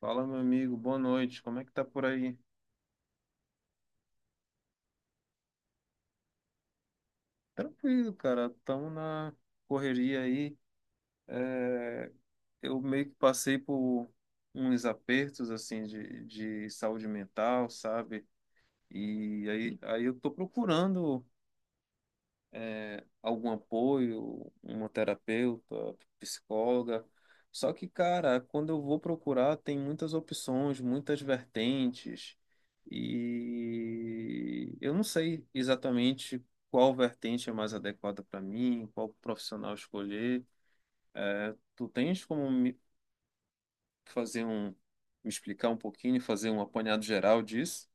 Fala, meu amigo, boa noite. Como é que tá por aí? Tranquilo, cara. Tamo na correria aí. Eu meio que passei por uns apertos assim de saúde mental, sabe? E aí, eu tô procurando algum apoio, uma terapeuta, psicóloga. Só que, cara, quando eu vou procurar, tem muitas opções, muitas vertentes, e eu não sei exatamente qual vertente é mais adequada para mim, qual profissional escolher. Tu tens como me me explicar um pouquinho, fazer um apanhado geral disso?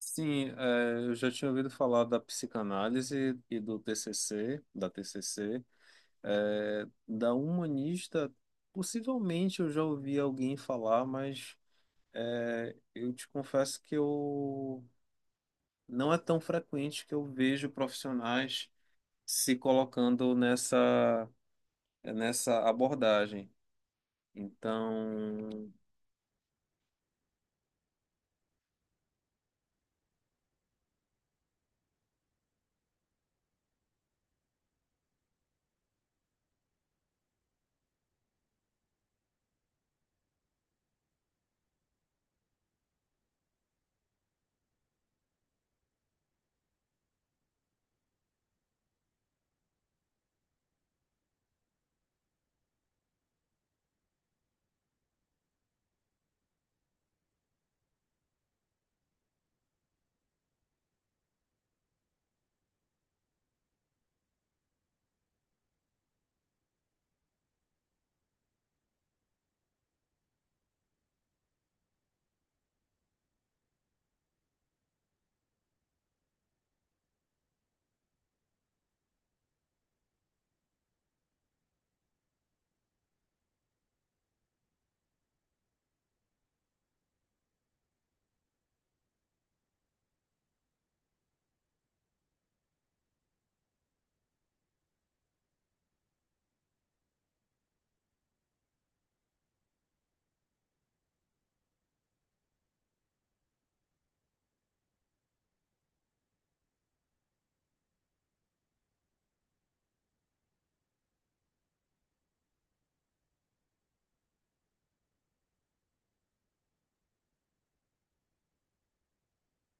Sim, é, eu já tinha ouvido falar da psicanálise e do TCC, é, da humanista, possivelmente eu já ouvi alguém falar, mas é, eu te confesso que eu não é tão frequente que eu vejo profissionais se colocando nessa abordagem. Então,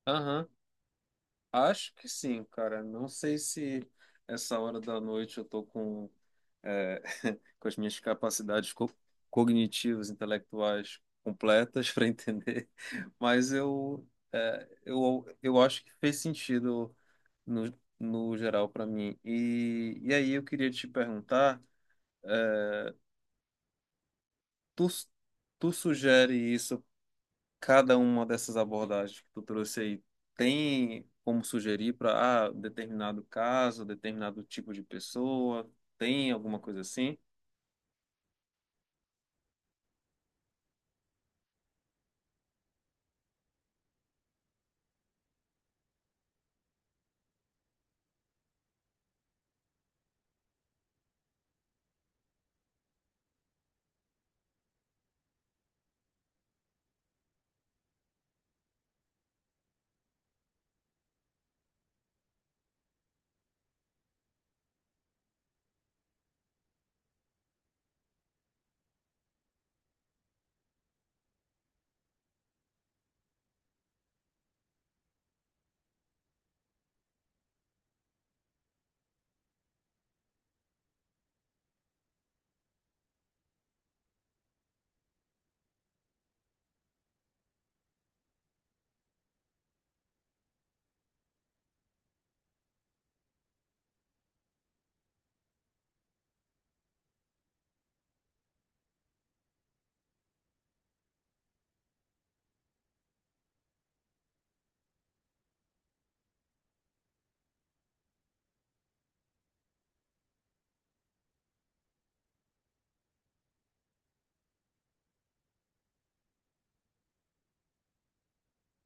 aham, acho que sim, cara. Não sei se essa hora da noite eu tô com é, com as minhas capacidades co cognitivas, intelectuais completas para entender, mas eu acho que fez sentido no, no geral para mim. E aí eu queria te perguntar, tu, tu sugere isso, cada uma dessas abordagens que tu trouxe aí, tem como sugerir para ah, determinado caso, determinado tipo de pessoa, tem alguma coisa assim?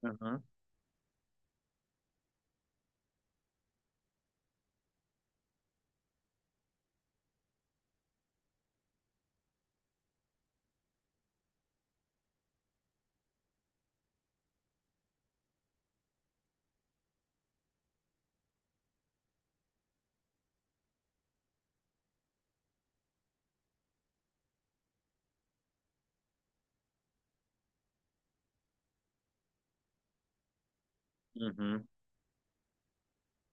Uhum, uhum,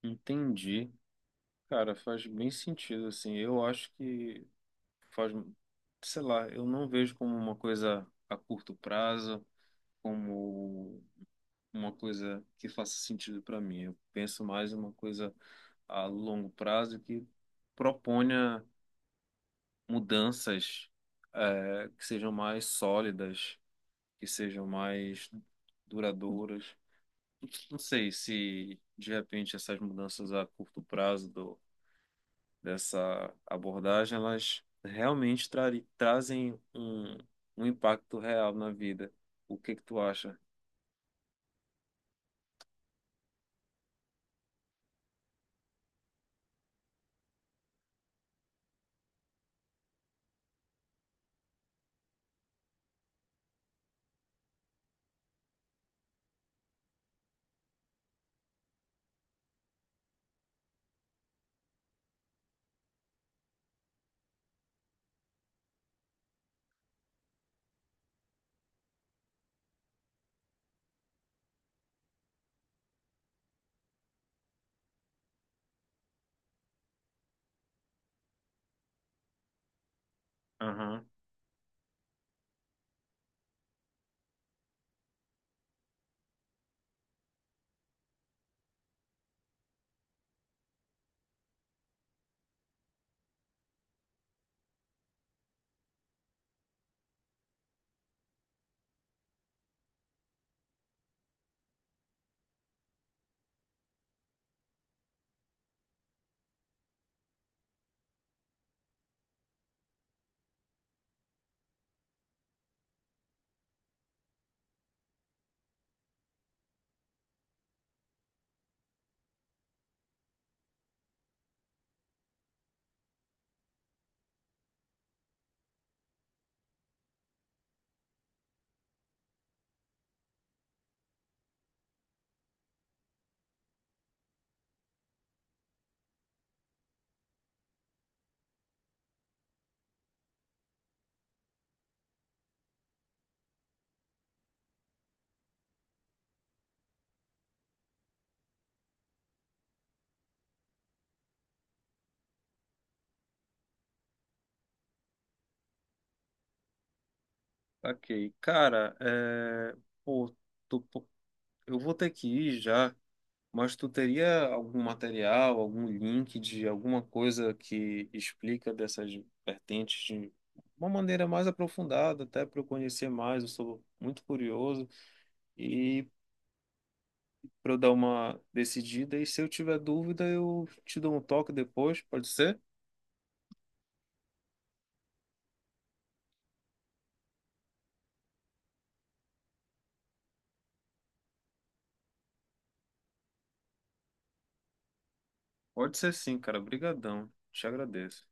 entendi. Cara, faz bem sentido, assim. Eu acho que faz, sei lá, eu não vejo como uma coisa a curto prazo, como uma coisa que faça sentido para mim. Eu penso mais em uma coisa a longo prazo que proponha mudanças, que sejam mais sólidas, que sejam mais duradouras. Não sei se de repente essas mudanças a curto prazo dessa abordagem, elas realmente trazem um impacto real na vida. O que que tu acha? Aham. Ok. Cara, é... pô, pô, eu vou ter que ir já, mas tu teria algum material, algum link de alguma coisa que explica dessas vertentes de uma maneira mais aprofundada, até para eu conhecer mais, eu sou muito curioso. E para eu dar uma decidida. E se eu tiver dúvida, eu te dou um toque depois, pode ser? Pode ser sim, cara. Obrigadão. Te agradeço.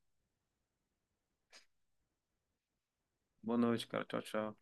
Boa noite, cara. Tchau, tchau.